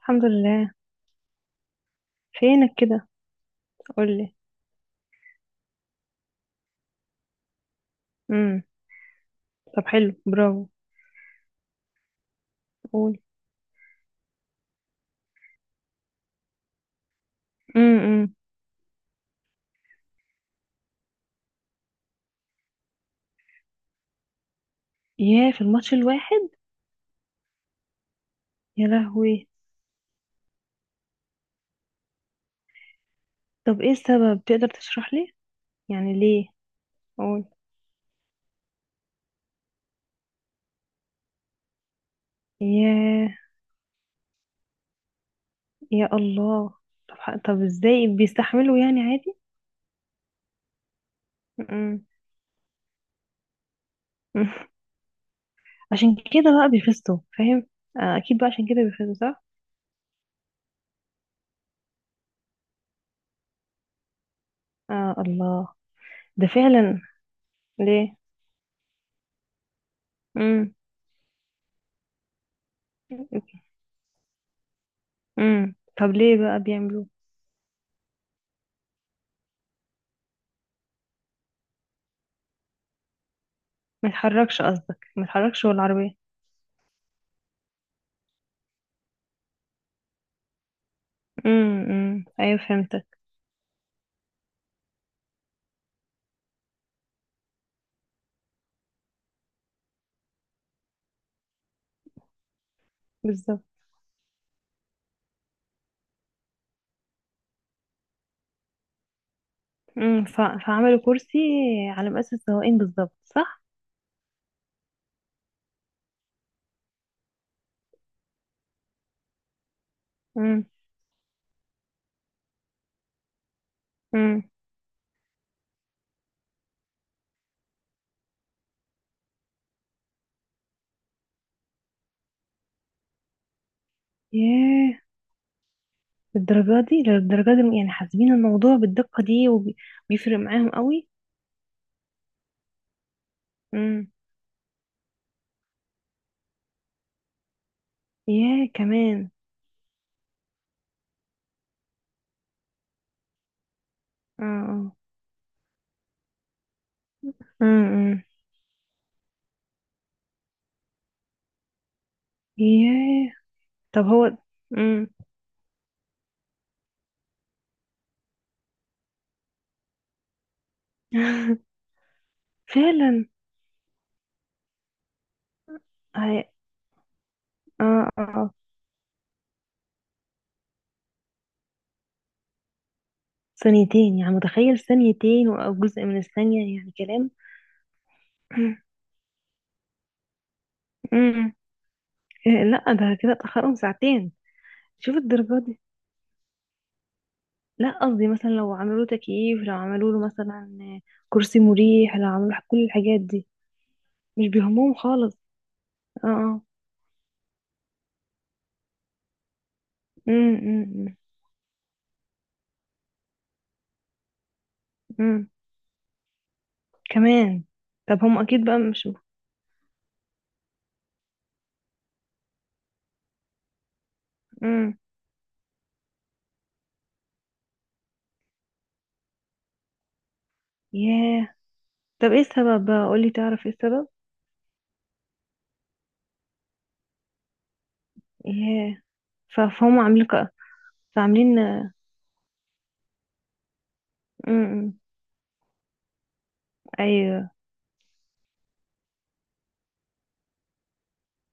الحمد لله. فينك كده؟ قولي. امم. طب حلو، برافو. قول. امم امم. ياه، في الماتش الواحد؟ يا لهوي. طب ايه السبب؟ تقدر تشرح لي يعني ليه؟ قول. ياه. يا الله. طب طب ازاي بيستحملوا؟ يعني عادي؟ امم. عشان كده بقى بيفزتوا، فاهم؟ آه، اكيد بقى عشان كده بيفزتوا، صح. آه الله. ده فعلا. ليه؟ امم امم. طب ليه بقى بيعملوا؟ ما يتحركش قصدك، ما يتحركش هو العربية؟ ايوه، فهمتك. بالظبط. امم ف... فعملوا كرسي على مقاس السواقين بالظبط، صح؟ امم امم. ياه. بالدرجه دي، للدرجه دي يعني حاسبين الموضوع بالدقه دي وبيفرق معاهم قوي؟ امم. ياه، كمان. اه اه. امم امم. ياه. طب هو. امم. فعلا. هي- اه اه. آه. ثانيتين؟ يعني متخيل ثانيتين او جزء من الثانيه، يعني كلام. امم. إيه، لا ده كده اتأخرهم ساعتين. شوف الدرجات دي. لا قصدي مثلا لو عملوا تكييف، لو عملوا له مثلا كرسي مريح، لو عملوا كل الحاجات دي. مش بيهمهم خالص. اه اه. امم. امم، كمان. طب هم اكيد بقى مش. امم. ياه. طب ايه السبب بقى؟ قولي، تعرف ايه السبب؟ ياه. فهم عاملين فعاملين. امم. أمم. ايوه.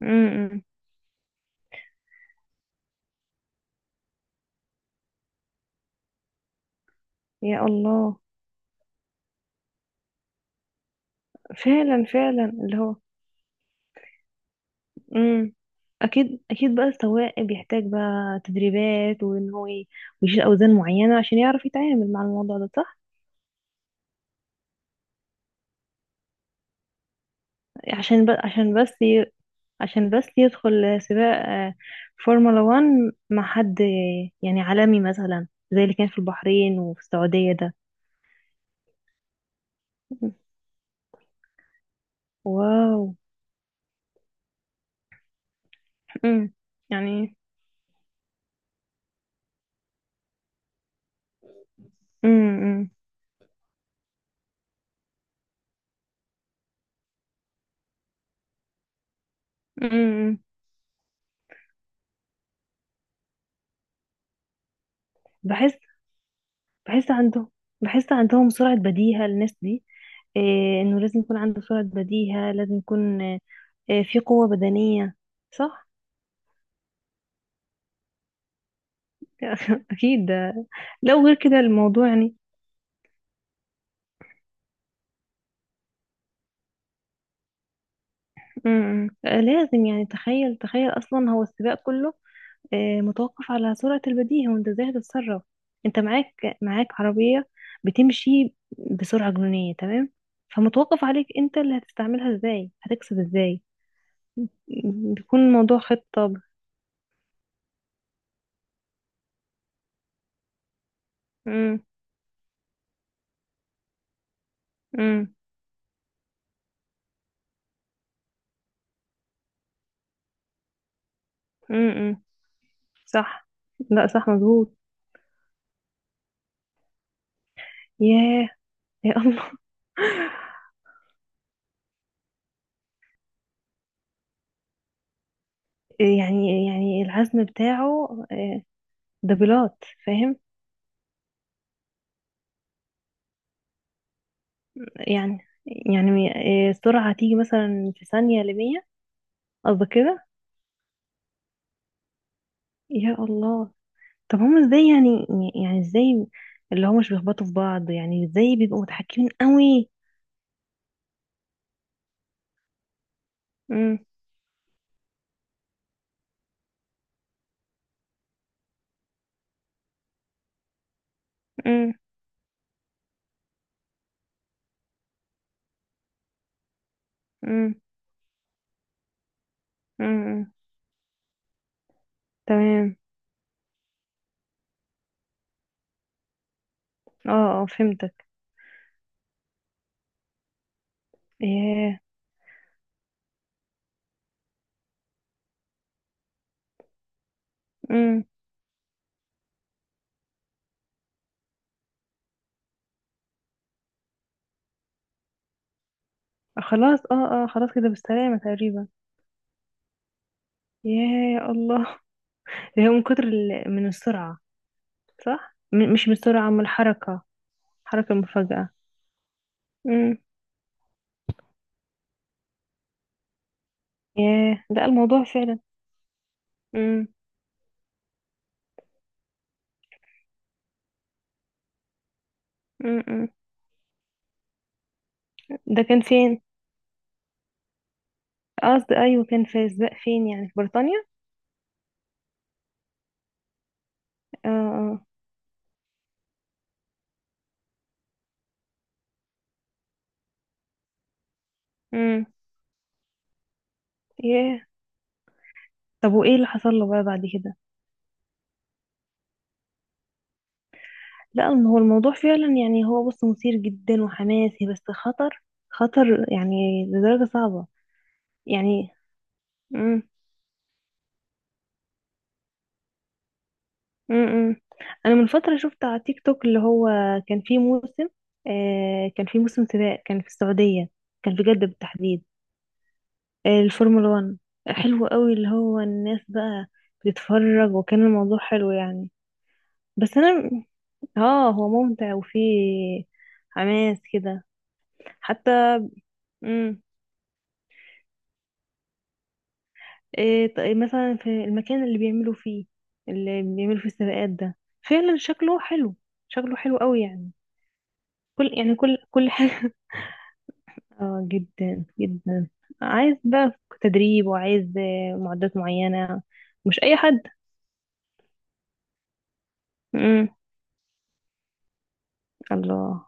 امم. أمم. يا الله. فعلا فعلا اللي هو. امم. اكيد اكيد بقى السواق بيحتاج بقى تدريبات وان هو ويشيل اوزان معينه عشان يعرف يتعامل مع الموضوع ده، صح. عشان بس عشان بس ي... عشان بس يدخل سباق آه، فورمولا 1 مع حد آه، يعني عالمي مثلا زي اللي كان في البحرين وفي السعوديه ده. واو. امم. يعني. امم امم. بحس. بحس عندهم. بحس عندهم سرعة بديهة، الناس دي. إيه، انه لازم يكون عنده سرعة بديهة، لازم يكون آه، في قوة بدنية، صح. أكيد ده. لو غير كده الموضوع يعني. م- م. آه، لازم. يعني تخيل، تخيل أصلا هو السباق كله آه، متوقف على سرعة البديهة وأنت إزاي هتتصرف. أنت معاك عربية بتمشي بسرعة جنونية، تمام. فمتوقف عليك أنت اللي هتستعملها إزاي، هتكسب إزاي. بيكون الموضوع خطة. م- م- م- م. صح. لا صح، مظبوط. ياه. يا الله. يعني يعني العزم بتاعه آه، دبلات، فاهم. يعني يعني آه، السرعة هتيجي مثلا في ثانية لمية. قصدك كده. يا الله. طب هما ازاي يعني؟ يعني ازاي اللي هما مش بيخبطوا في بعض يعني؟ ازاي بيبقوا متحكمين قوي؟ امم. امم. امم. امم. تمام. اه اه، فهمتك. ياه. امم. خلاص، اه اه، خلاص كده بالسلامة تقريبا. ياه، يا الله. هي من كتر من السرعة. صح، مش من السرعة، من الحركة. حركة مفاجأة. امم. ياه، ده الموضوع فعلا. امم امم. ده كان فين؟ قصدي ايوه، كان في السباق فين يعني؟ في بريطانيا؟ اه اه. امم. ياه. طب وايه اللي حصل له بقى بعد كده؟ لا ما هو الموضوع فعلا يعني، هو بص مثير جدا وحماسي بس خطر. خطر يعني لدرجة صعبة. يعني. امم. امم. انا من فترة شفت على تيك توك اللي هو كان فيه موسم. آه كان فيه موسم سباق، كان في السعودية، كان في جدة بالتحديد. الفورمولا 1. حلو قوي اللي هو الناس بقى بتتفرج، وكان الموضوع حلو يعني. بس انا. اه، هو ممتع وفيه حماس كده. حتى. امم. إيه، طيب مثلا في المكان اللي بيعملوا فيه، اللي بيعملوا فيه السباقات ده، فعلا شكله حلو، شكله حلو قوي يعني. كل حاجة. اه، جدا جدا. عايز بقى تدريب، وعايز آه، معدات معينة. مش اي حد. امم. الله.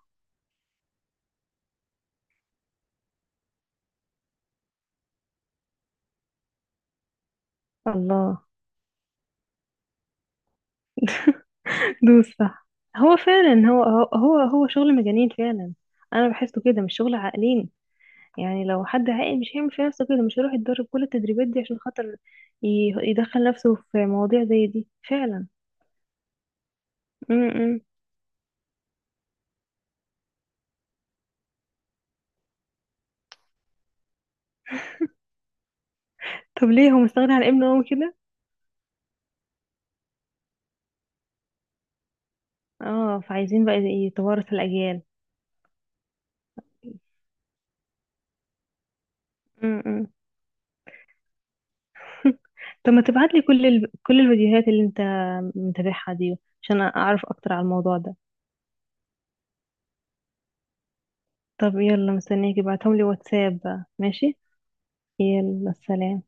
الله. دوس، صح. هو فعلا هو شغل مجانين فعلا. انا بحسه كده مش شغل عاقلين. يعني لو حد عاقل مش هيعمل في نفسه كده، مش هيروح يتدرب كل التدريبات دي عشان خاطر يدخل نفسه في مواضيع زي دي فعلا. م -م. طب ليه هو مستغني عن ابنه قوي كده؟ اه، فعايزين بقى يتوارث الاجيال. م -م. طب ما تبعت لي كل الفيديوهات اللي انت متابعها دي عشان اعرف اكتر على الموضوع ده. طب يلا، مستنيك ابعتهم لي واتساب بقى، ماشي. يلا سلام.